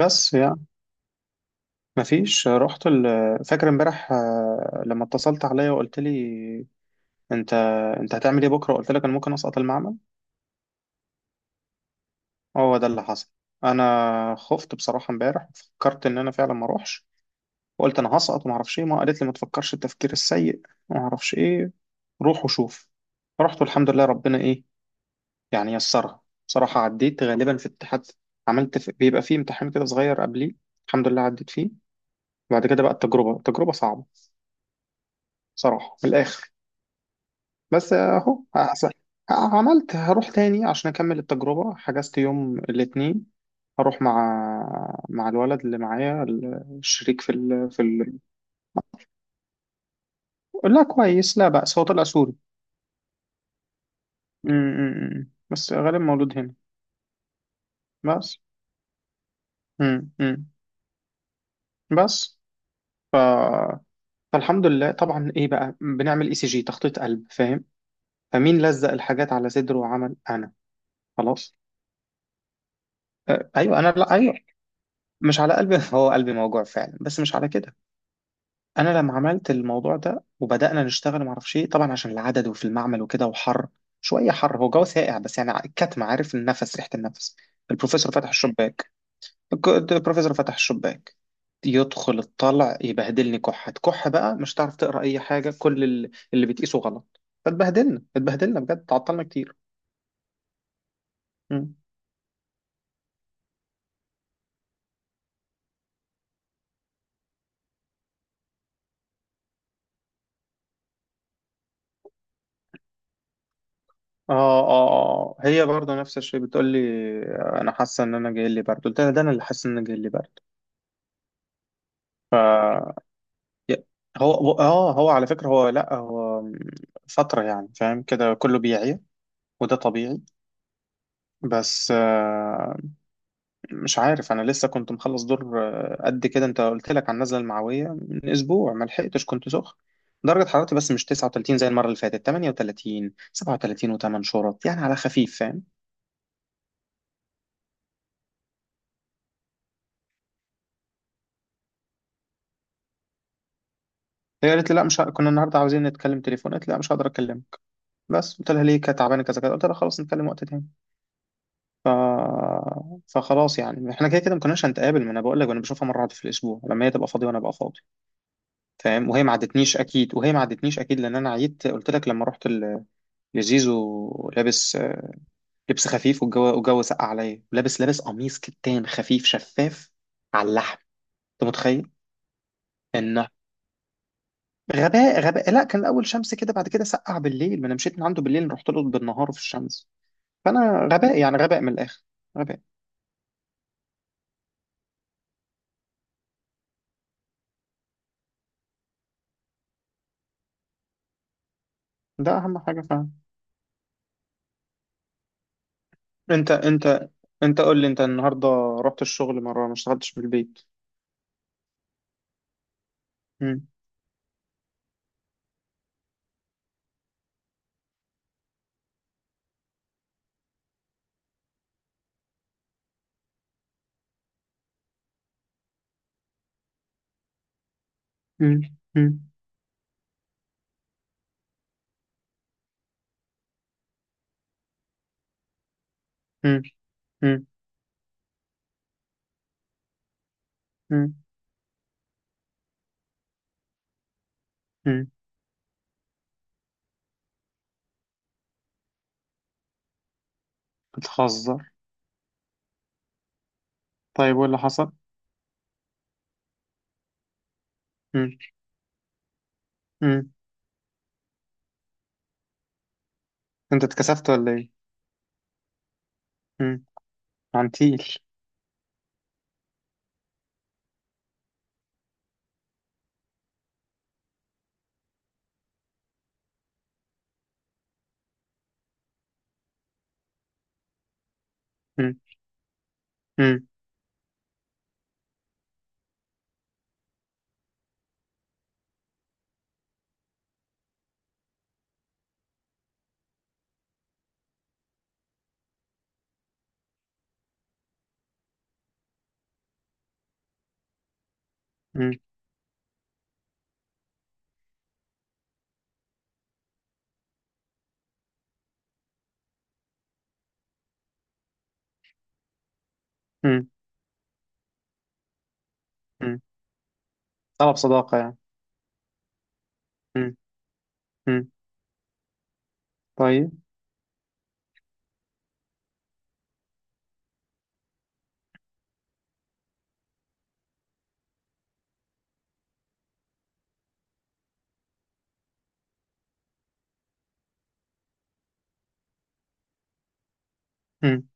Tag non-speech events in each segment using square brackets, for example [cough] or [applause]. بس يعني، مفيش، رحت فاكر امبارح، لما اتصلت عليا وقلت لي انت انت هتعمل ايه بكره؟ قلت لك انا ممكن اسقط المعمل. هو ده اللي حصل. انا خفت بصراحه. امبارح فكرت ان انا فعلا ما اروحش، وقلت انا هسقط وما اعرفش ايه. ما قالت لي: ما تفكرش التفكير السيء وما اعرفش ايه، روح وشوف. رحت والحمد لله، ربنا ايه يعني يسرها. بصراحه عديت، غالبا في اتحاد. بيبقى فيه امتحان كده صغير قبليه. الحمد لله عديت فيه. بعد كده بقى التجربه، تجربه صعبه بصراحه، من الاخر. بس اهو هحس- عملت هروح تاني عشان اكمل التجربة. حجزت يوم الاثنين. هروح مع مع الولد اللي معايا، الشريك لا كويس، لا بأس، هو طلع سوري. م- م- م. بس غالبا مولود هنا. بس م- م. بس ف... فالحمد لله. طبعا ايه بقى؟ بنعمل ECG، تخطيط قلب، فاهم؟ فمين لزق الحاجات على صدره وعمل انا خلاص. ايوه انا، لا ايوه، مش على قلبي. [laughs] هو قلبي موجوع فعلا بس مش على كده. انا لما عملت الموضوع ده وبدانا نشتغل، ما اعرفش ايه طبعا عشان العدد وفي المعمل وكده، وحر شويه. حر. هو جو ساقع بس يعني الكتم، عارف، النفس، ريحه النفس. البروفيسور فتح الشباك. البروفيسور فتح الشباك، يدخل الطلع، يبهدلني، كحه كحه بقى. مش هتعرف تقرا اي حاجه. اللي بتقيسه غلط. اتبهدلنا بجد، تعطلنا كتير. مم. اه اه اه، آه. هي برضه نفس الشيء، بتقول لي انا حاسه ان انا جاي لي برد. قلت لها: ده انا اللي حاسه ان انا جاي لي برد. هو على فكرة، هو، لا، هو فترة يعني، فاهم، كده كله بيعيا، وده طبيعي. بس مش عارف، انا لسه كنت مخلص دور. قد كده. انت قلت لك على النزلة المعوية من اسبوع، ما لحقتش، كنت سخن. درجة حرارتي بس مش 39 زي المرة اللي فاتت، 38، 37 و8 شرط، يعني على خفيف، فاهم. هي قالت لي لا، مش ه... كنا النهارده عاوزين نتكلم تليفون، قالت لي لا مش هقدر اكلمك. بس قلت لها ليه؟ كانت تعبانة كذا كذا. قلت لها خلاص، نتكلم وقت تاني. ف... فخلاص يعني، احنا كده كده ما كناش هنتقابل. ما انا بقول لك، انا بشوفها مره واحده في الاسبوع لما هي تبقى فاضيه وانا ابقى فاضي، فاهم. وهي ما عدتنيش اكيد، وهي ما عدتنيش اكيد لان انا عيت. قلت لك لما لزيزو لابس، لبس خفيف. والجو سقع عليا. لابس قميص كتان خفيف شفاف على اللحم، انت متخيل؟ انه غباء، غباء. لا كان الاول شمس كده، بعد كده سقع بالليل. ما انا مشيت من عنده بالليل، رحت له بالنهار في الشمس. فانا غباء يعني، غباء من الاخر، غباء. ده اهم حاجه. انت انت انت قول لي، انت النهارده رحت الشغل مره ما اشتغلتش من البيت؟ مم. مم. مم. مم. مم. مم. مم. بتهزر. طيب، وايه اللي حصل؟ مم. مم. انت اتكسفت ولا ايه؟ مم. عنتيل. مم. مم. مم. مم. مم. طلب صداقه يعني. مم. مم. طيب. مم.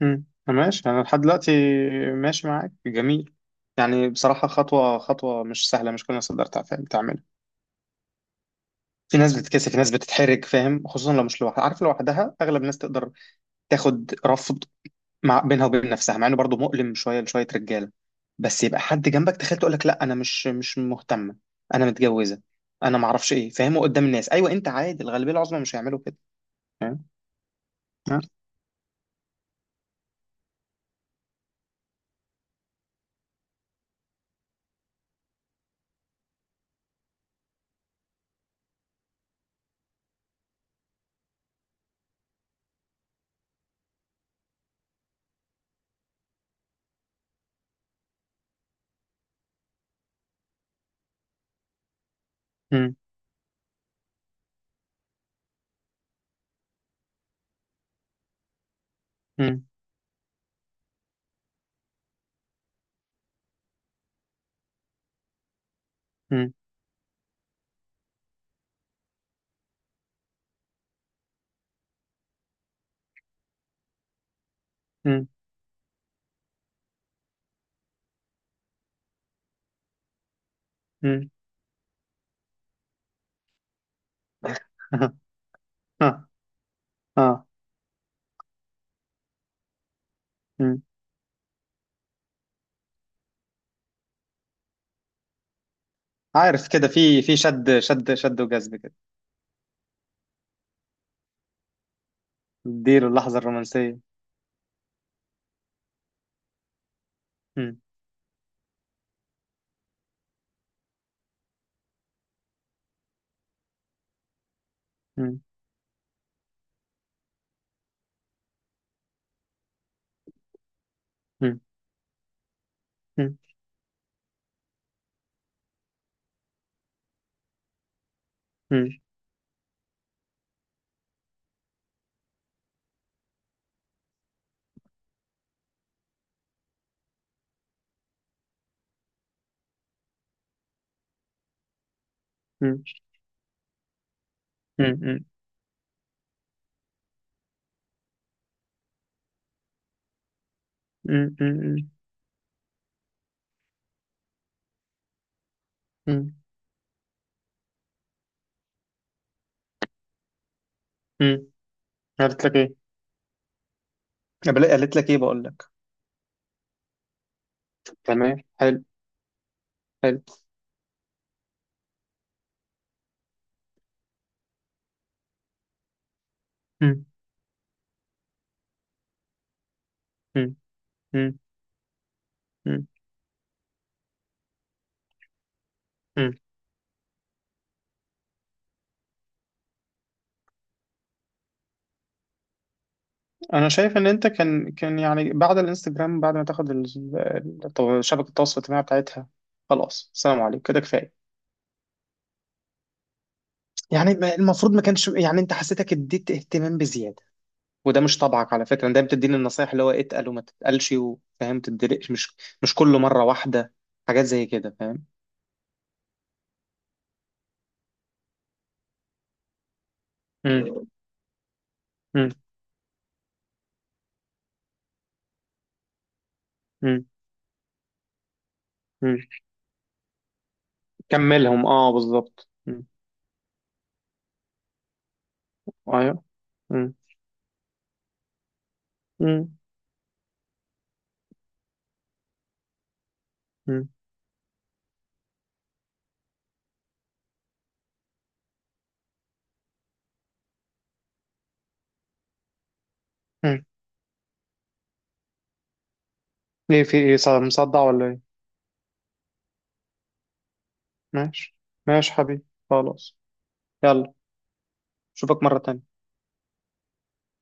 مم. ماشي، انا لحد دلوقتي ماشي معاك، جميل. يعني بصراحه خطوه خطوه، مش سهله، مش كل الناس تقدر تعملها. في ناس بتتكسف، في ناس بتتحرج، فاهم، خصوصا لو مش لوحدها. عارف لوحدها اغلب الناس تقدر تاخد رفض مع بينها وبين نفسها، مع انه برضه مؤلم شويه لشويه رجاله. بس يبقى حد جنبك، تخيل، تقول لك لا انا مش مش مهتمه، انا متجوزه، انا ما اعرفش ايه، فاهمه؟ قدام الناس، ايوه، انت عادي، الغالبيه العظمى مش هيعملوا كده، فاهم. ها؟ مم. مم. مم. مم. مم. [laughs] اه اه. مم. عارف كده، في شد شد شد وجذب كده. اديله اللحظه الرومانسيه. مم. مم. مم. مم. مم. امم امم. امم. امم. قالت لك ايه؟ قالت لك ايه بقول لك؟ تمام، حلو. حلو. مم. مم. مم. مم. مم. انا شايف ان انت كان يعني بعد الانستجرام، بعد ما تاخد شبكه التواصل الاجتماعي بتاعتها، خلاص السلام عليكم كده كفايه. يعني المفروض ما كانش، يعني انت حسيتك اديت اهتمام بزياده، وده مش طبعك على فكره. أنا دايما بتديني النصايح اللي هو اتقل وما تتقلش وفاهم تدرقش، مش كل مره واحده، حاجات زي كده، فاهم. مم. مم. مم. كملهم، اه بالظبط. م. ايوه. م. م. م. م. ايه، في ايه؟ مصدع ولا ايه؟ ماشي. ماشي حبيبي، خلاص. يلا، اشوفك مرة تانية.